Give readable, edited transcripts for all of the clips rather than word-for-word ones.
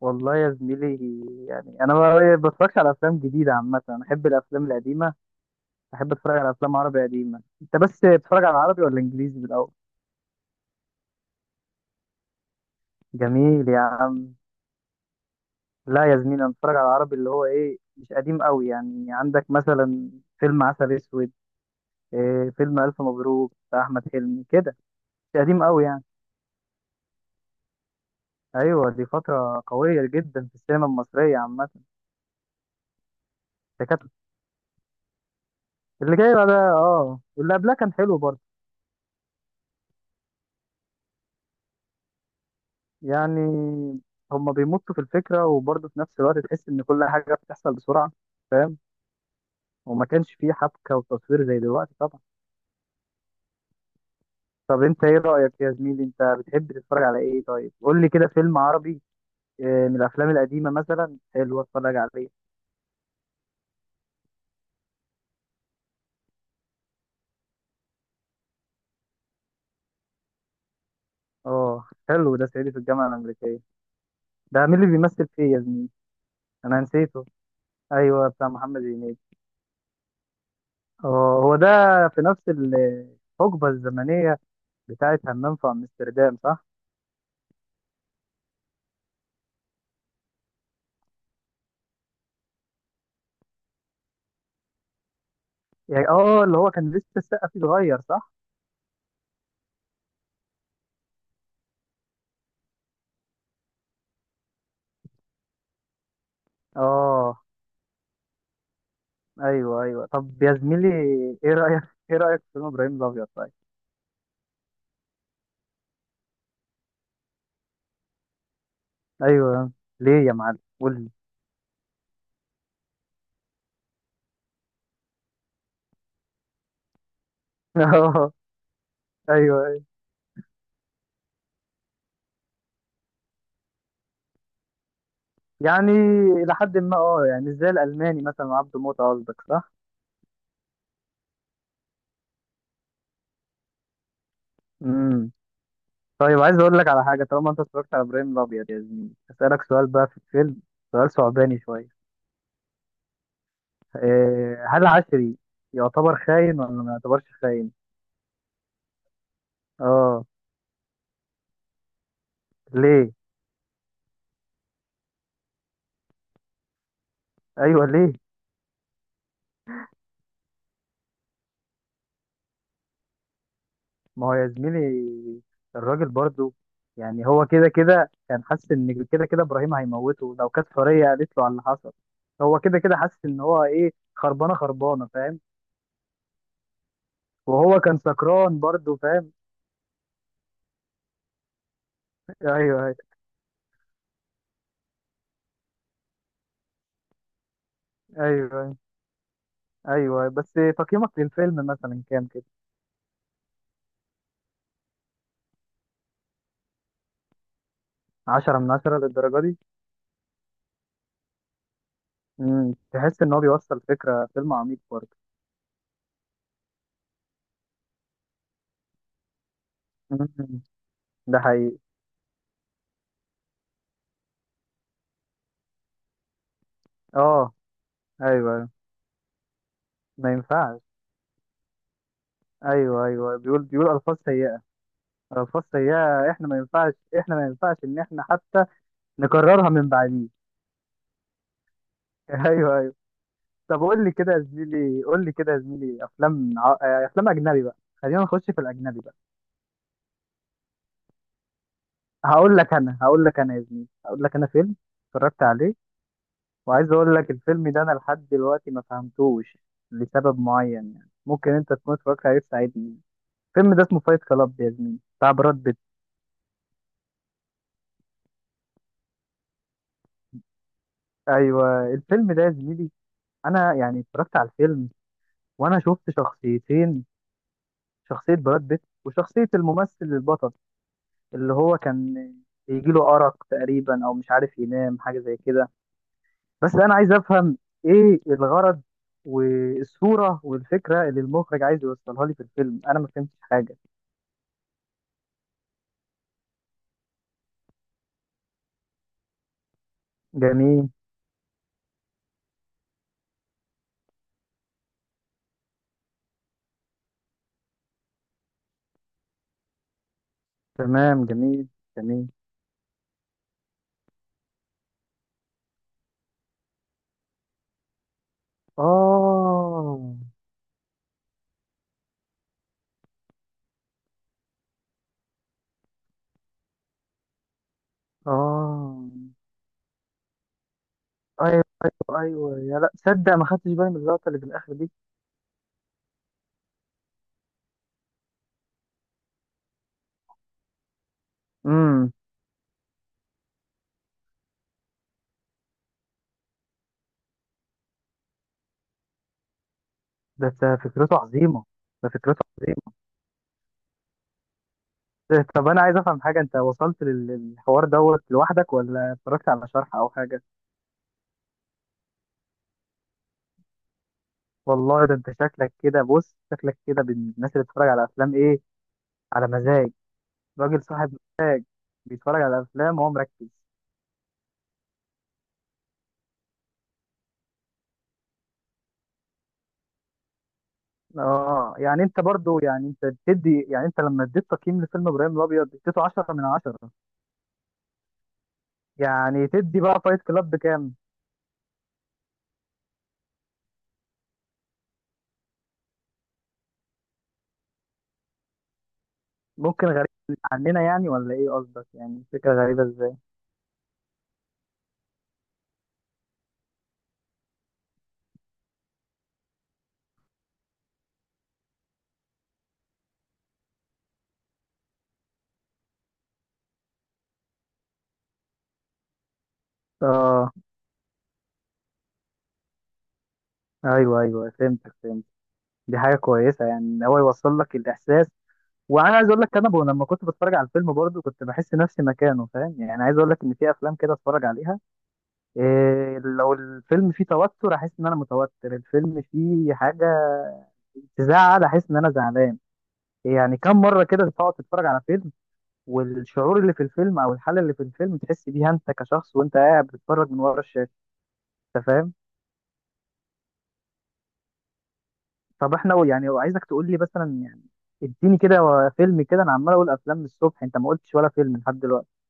والله يا زميلي، يعني انا ما بتفرجش على افلام جديده عامه. انا احب الافلام القديمه، احب اتفرج على افلام عربي قديمه. انت بس بتتفرج على عربي ولا انجليزي بالاول؟ جميل يا عم. لا يا زميلي، انا بتفرج على عربي اللي هو ايه، مش قديم قوي يعني. عندك مثلا فيلم عسل اسود، إيه فيلم الف مبروك بتاع احمد حلمي كده، مش قديم قوي يعني. ايوه، دي فتره قويه جدا في السينما المصريه عامه. ده كانت- اللي جاي بقى ده، واللي قبلها كان حلو برضه. يعني هما بيمطوا في الفكرة، وبرضه في نفس الوقت تحس إن كل حاجة بتحصل بسرعة، فاهم. وما كانش فيه حبكة وتصوير زي دلوقتي طبعا. طب أنت إيه رأيك يا زميلي؟ أنت بتحب تتفرج على إيه؟ طيب قول لي كده فيلم عربي من الأفلام القديمة مثلا حلو أتفرج عليه. أه، حلو ده صعيدي في الجامعة الأمريكية. ده مين اللي بيمثل فيه يا زميلي؟ أنا نسيته. أيوه، بتاع محمد هنيدي. أه هو ده، في نفس الحقبة الزمنية بتاعت همام في أمستردام صح؟ يعني اه. آه، اللي هو كان لسه السقا فيه صغير صح؟ اه. ايوه ايوه، طب يا زميلي، ايه رايك ايه رايك في فيلم ابراهيم الابيض طيب؟ ايوه. ليه يا معلم؟ قول لي. اه، ايوه أيوة. يعني الى حد ما، يعني ازاي الالماني مثلا عبده موته قصدك صح؟ امم. طيب عايز اقول لك على حاجه، طالما انت اتفرجت على ابراهيم الابيض يا زميلي اسالك سؤال بقى في الفيلم، سؤال صعباني شويه. إيه، هل عشري يعتبر خاين ولا ما يعتبرش خاين؟ اه. ليه؟ ايوه، ليه؟ ما هو يا زميلي الراجل برضو، يعني هو كده كده كان حاسس ان كده كده ابراهيم هيموته لو كانت سوريا قالت له على اللي حصل. هو كده كده حاسس ان هو ايه، خربانه خربانه فاهم. وهو كان سكران برضو فاهم. ايوه ايوه ايوه ايوه، بس تقييمك للفيلم مثلا كام كده؟ عشرة من عشرة للدرجه دي؟ امم، تحس ان هو بيوصل فكره، فيلم عميق برضه. امم. ده حقيقي. اه، ايوه أيوة. ما ينفعش. ايوه ايوه، بيقول الفاظ سيئه. فصل هي. احنا ما ينفعش احنا ما ينفعش ان احنا حتى نكررها من بعديه. ايوه ايوه، طب قول لي كده يا زميلي قول لي كده يا زميلي افلام ع- آه، افلام اجنبي بقى. خلينا نخش في الاجنبي بقى. هقول لك انا هقول لك انا يا زميلي هقول لك انا فيلم اتفرجت عليه. وعايز اقول لك الفيلم ده انا لحد دلوقتي ما فهمتوش، لسبب معين يعني، ممكن انت تكون اتفرجت عليه تساعدني. الفيلم ده اسمه فايت كلاب يا زميلي، بتاع براد بيت. ايوه، الفيلم ده يا زميلي، انا يعني اتفرجت على الفيلم، وانا شفت شخصيتين، شخصية براد بيت وشخصية الممثل البطل، اللي هو كان بيجيله أرق تقريبا أو مش عارف ينام، حاجة زي كده. بس أنا عايز أفهم إيه الغرض والصورة والفكرة اللي المخرج عايز يوصلها لي في الفيلم، أنا ما فهمتش حاجة. جميل. تمام جميل جميل. آه آه أيوه أيوه أيوه، يا لا تصدق، ما خدتش بالي من اللقطة اللي في الآخر دي. امم. ده فكرته عظيمة. ده فكرته. طب انا عايز افهم حاجه، انت وصلت للحوار دوت لوحدك ولا اتفرجت على شرح او حاجه؟ والله ده انت شكلك كده، بص شكلك كده من الناس اللي بتتفرج على افلام ايه، على مزاج، راجل صاحب بيتفرج على افلام وهو مركز. اه، يعني انت برضو يعني انت بتدي يعني انت لما اديت تقييم لفيلم ابراهيم الابيض اديته 10 من 10، يعني تدي بقى فايت كلاب بكام؟ ممكن غريب عننا يعني، ولا ايه قصدك؟ يعني فكره غريبه ازاي؟ اه، ايوه ايوه، فهمتك فهمت. دي حاجه كويسه، يعني ان هو يوصل لك الاحساس. وانا عايز اقول لك انا لما كنت بتفرج على الفيلم برضه كنت بحس نفسي مكانه فاهم. يعني عايز اقول لك ان في افلام كده اتفرج عليها، إيه، لو الفيلم فيه توتر احس ان انا متوتر، الفيلم فيه حاجه تزعل احس ان انا زعلان. يعني كم مره كده تقعد تتفرج على فيلم، والشعور اللي في الفيلم او الحاله اللي في الفيلم تحس بيها انت كشخص وانت قاعد بتتفرج من ورا الشاشه؟ انت فاهم؟ طب احنا يعني عايزك تقول لي مثلا، يعني اديني كده فيلم كده، انا عمال اقول افلام من الصبح، انت ما قلتش ولا فيلم لحد دلوقتي.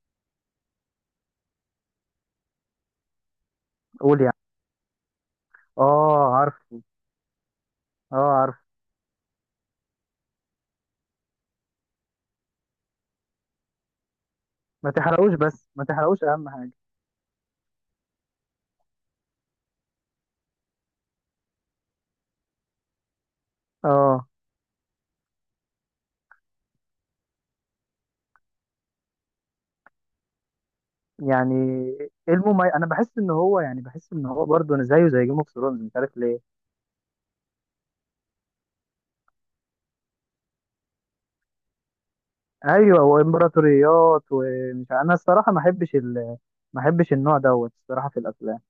قول يعني. اه عارف. اه عارف. ما تحرقوش بس ما تحرقوش اهم حاجه. اه. يعني ايه المميز؟ انا بحس ان هو برضه أنا زيه زي جيم اوف ثرونز، مش عارف ليه. ايوه، وامبراطوريات، انا الصراحه ما احبش النوع دوت الصراحه في الافلام.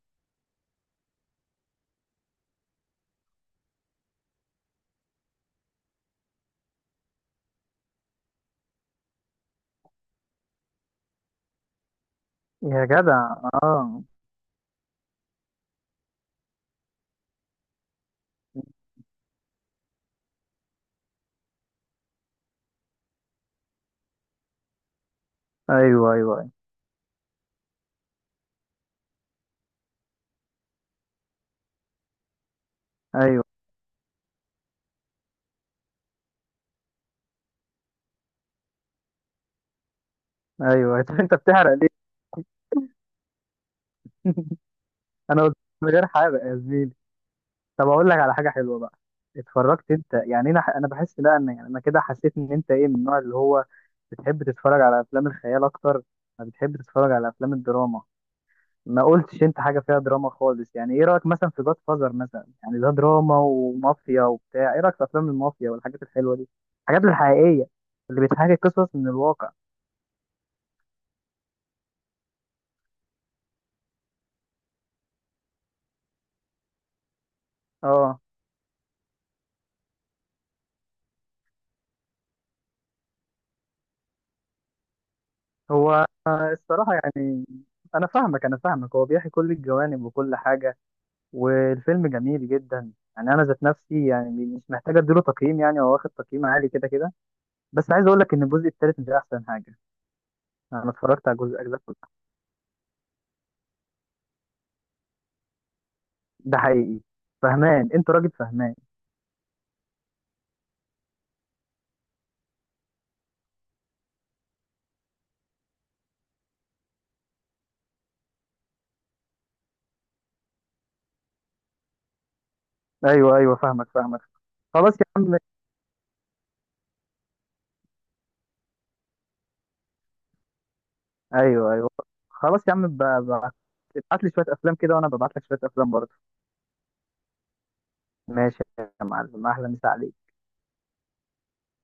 يا جدع. اه ايوه ايوه ايوه ايوه. انت بتحرق ليه؟ انا قلت، من غير حرق يا زميلي. طب اقول لك على حاجه حلوه بقى. اتفرجت انت يعني، انا بحس لا، ان يعني انا كده حسيت ان انت ايه، من النوع اللي هو بتحب تتفرج على افلام الخيال اكتر، ما بتحب تتفرج على افلام الدراما. ما قلتش انت حاجه فيها دراما خالص يعني. ايه رايك مثلا في جاد فازر مثلا؟ يعني ده دراما ومافيا وبتاع. ايه رايك في افلام المافيا والحاجات الحلوه دي، الحاجات الحقيقيه اللي بتحكي قصص من الواقع؟ اه هو الصراحه يعني، انا فاهمك هو بيحكي كل الجوانب وكل حاجه، والفيلم جميل جدا يعني. انا ذات نفسي يعني مش محتاج اديله تقييم يعني، هو واخد تقييم عالي كده كده. بس عايز اقول لك ان الجزء الثالث مش احسن حاجه، انا اتفرجت على الاجزاء كلها. ده حقيقي. فهمان انت، راجل فهمان. ايوه ايوه، فاهمك فاهمك. خلاص يا عم. ايوه ايوه، خلاص يا عم، ب- ابعت لي شويه افلام كده وانا ببعت لك شويه افلام برضه. ماشي يا معلم، اهلا، مسا عليك.